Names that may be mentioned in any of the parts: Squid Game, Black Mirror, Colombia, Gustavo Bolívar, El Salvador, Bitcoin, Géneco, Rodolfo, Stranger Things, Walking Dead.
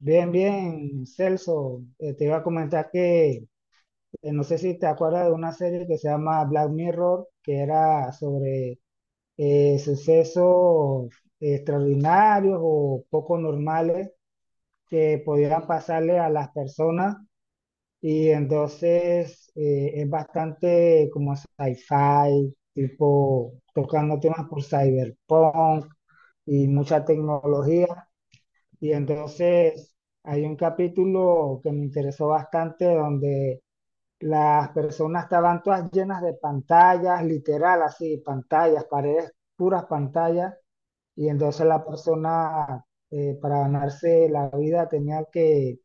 Bien, bien, Celso, te iba a comentar que no sé si te acuerdas de una serie que se llama Black Mirror, que era sobre sucesos extraordinarios o poco normales que podían pasarle a las personas, y entonces es bastante como sci-fi, tipo tocando temas por cyberpunk y mucha tecnología. Y entonces hay un capítulo que me interesó bastante donde las personas estaban todas llenas de pantallas, literal, así, pantallas, paredes, puras pantallas. Y entonces la persona, para ganarse la vida, tenía que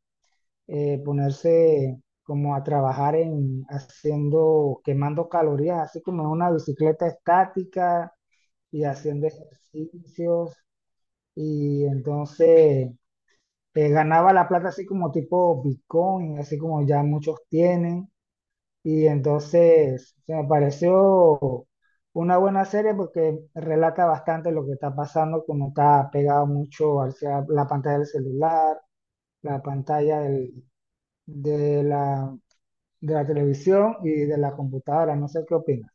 ponerse como a trabajar en haciendo, quemando calorías, así como en una bicicleta estática y haciendo ejercicios. Y entonces ganaba la plata así como tipo Bitcoin, así como ya muchos tienen. Y entonces, o sea, me pareció una buena serie porque relata bastante lo que está pasando, como está pegado mucho hacia la pantalla del celular, la pantalla del- de la, de la televisión y de la computadora. No sé qué opinas.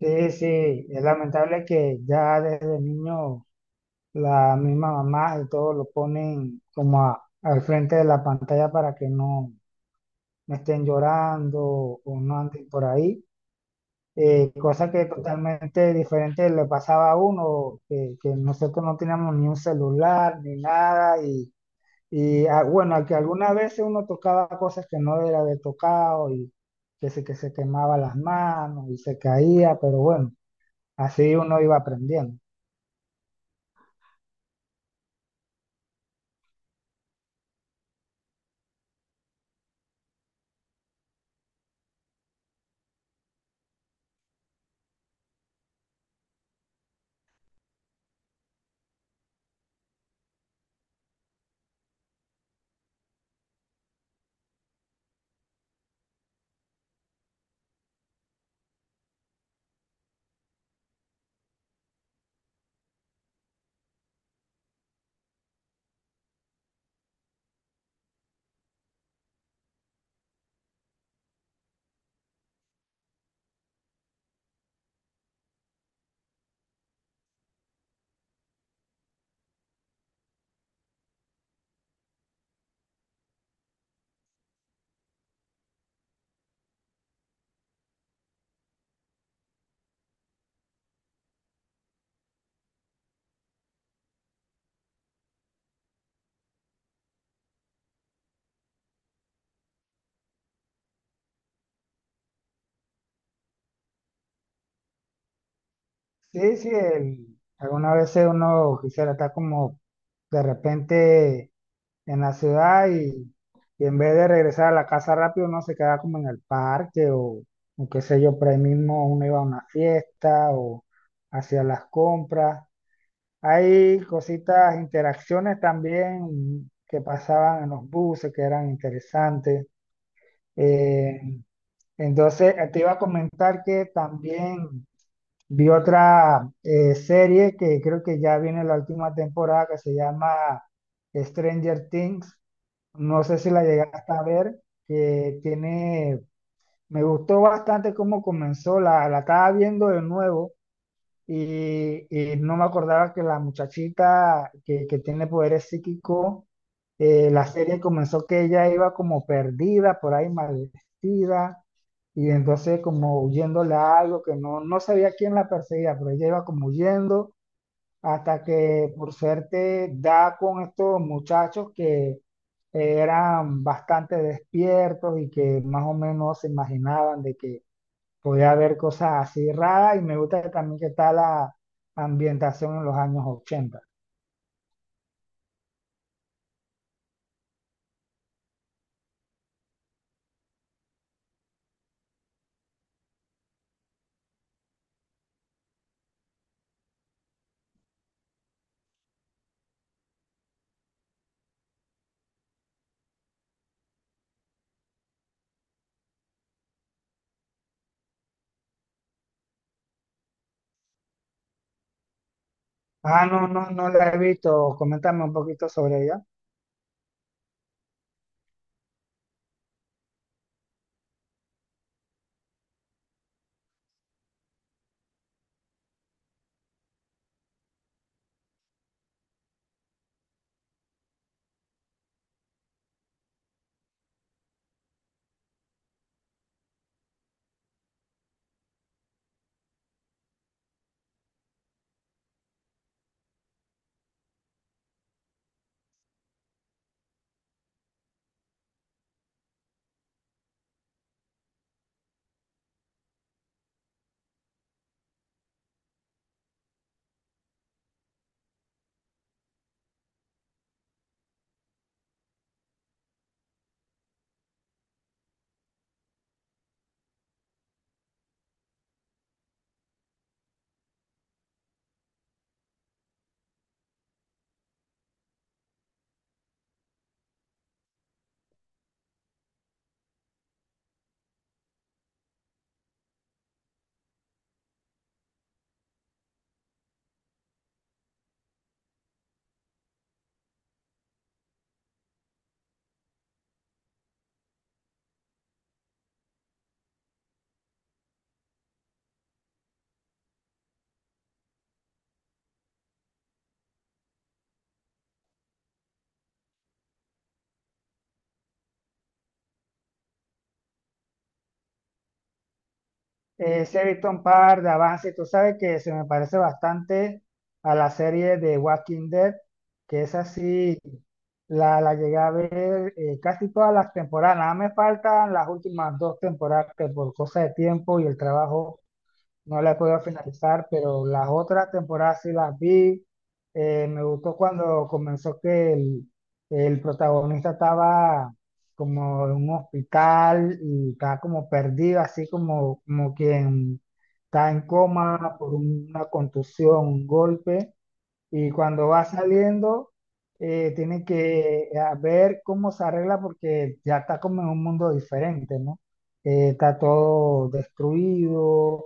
Sí, sí, es lamentable que ya desde niño la misma mamá y todo lo ponen como a- al frente de la pantalla para que no, no estén llorando o no anden por ahí. Cosa que totalmente diferente le pasaba a uno, que nosotros no teníamos ni un celular ni nada, y ah, bueno, que algunas veces uno tocaba cosas que no era de tocado y que se quemaba las manos y se caía, pero bueno, así uno iba aprendiendo. Sí, sí, algunas veces uno quisiera estar como de repente en la ciudad y en vez de regresar a la casa rápido, uno se queda como en el parque o qué sé yo, por ahí mismo uno iba a una fiesta o hacia las compras. Hay cositas, interacciones también que pasaban en los buses que eran interesantes. Eh, entonces, te iba a comentar que también. Vi otra serie que creo que ya viene la última temporada que se llama Stranger Things. No sé si la llegaste a ver, que tiene, me gustó bastante cómo comenzó, la estaba viendo de nuevo y no me acordaba que la muchachita que tiene poderes psíquicos. La serie comenzó que ella iba como perdida, por ahí mal vestida, y entonces como huyéndole a algo que no, no sabía quién la perseguía, pero ella iba como huyendo hasta que por suerte da con estos muchachos que eran bastante despiertos y que más o menos se imaginaban de que podía ver cosas así raras, y me gusta también que está la ambientación en los años 80. Ah, no, no, no la he visto. Coméntame un poquito sobre ella. Sí, he visto un par de avances. Tú sabes que se me parece bastante a la serie de Walking Dead, que es así, la llegué a ver casi todas las temporadas. Nada, me faltan las últimas dos temporadas que por cosa de tiempo y el trabajo no la he podido finalizar, pero las otras temporadas sí las vi. Me gustó cuando comenzó que el protagonista estaba como en un hospital y estaba como perdido, así como quien está en coma por una contusión, un golpe. Y cuando va saliendo, tiene que ver cómo se arregla porque ya está como en un mundo diferente, ¿no? Está todo destruido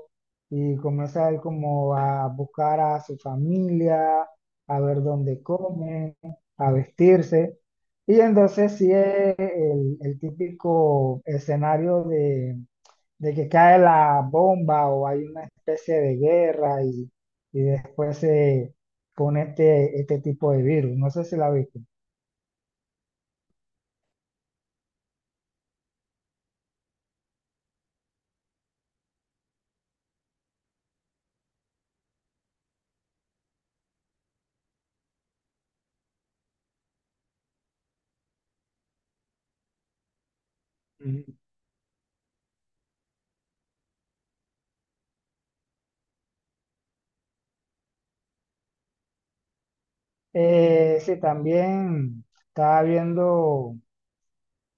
y comienza él como a buscar a su familia, a ver dónde come, a vestirse. Y entonces sí es el típico escenario de que cae la bomba o hay una especie de guerra, y después se pone este tipo de virus. No sé si la viste. Ujú. Sí, también estaba viendo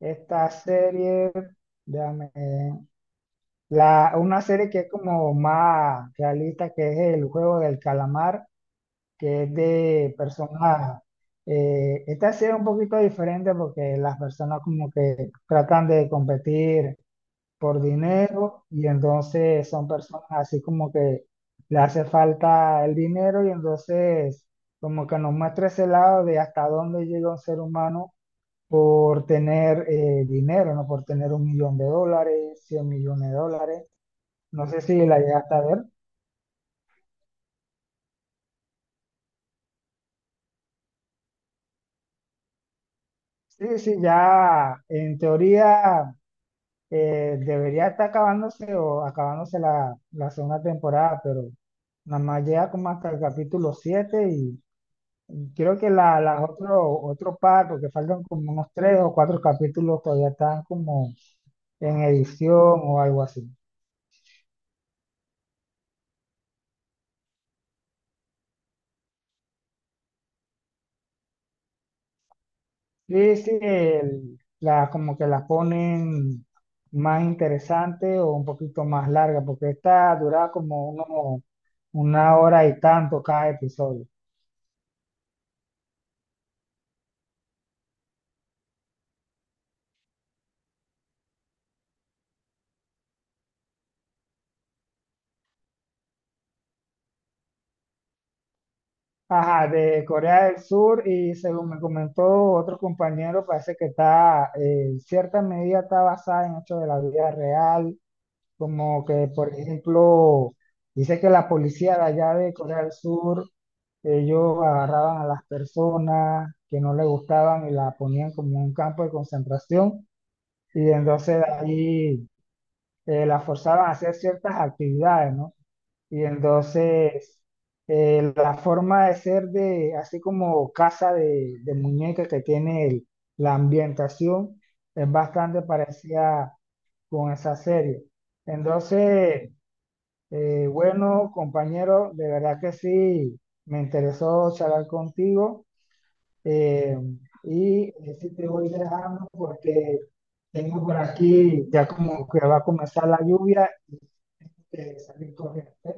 esta serie, déjame, una serie que es como más realista, que es el juego del calamar, que es de personas. Esta serie es un poquito diferente porque las personas como que tratan de competir por dinero, y entonces son personas así como que le hace falta el dinero y entonces como que nos muestra ese lado de hasta dónde llega un ser humano por tener dinero, ¿no? Por tener 1 millón de dólares, 100 millones de dólares. No sé si la llegaste a ver. Sí, sí, ya en teoría debería estar acabándose o acabándose la segunda temporada, pero nada más llega como hasta el capítulo 7. Creo que las otro par, porque faltan como unos tres o cuatro capítulos, todavía están como en edición o algo así. Sí, sí, como que la ponen más interesante o un poquito más larga, porque esta dura como una hora y tanto cada episodio. Ajá, de Corea del Sur, y según me comentó otro compañero, parece que en cierta medida está basada en hechos de la vida real. Como que, por ejemplo, dice que la policía de allá de Corea del Sur, ellos agarraban a las personas que no les gustaban y la ponían como en un campo de concentración, y entonces de ahí la forzaban a hacer ciertas actividades, ¿no? Y entonces la forma de ser de, así como casa de muñeca que tiene la ambientación, es bastante parecida con esa serie. Entonces. Bueno, compañero, de verdad que sí, me interesó charlar contigo, eh, y sí te voy dejando porque tengo por aquí ya como que va a comenzar la lluvia y tengo que salir corriendo. ¿Ok?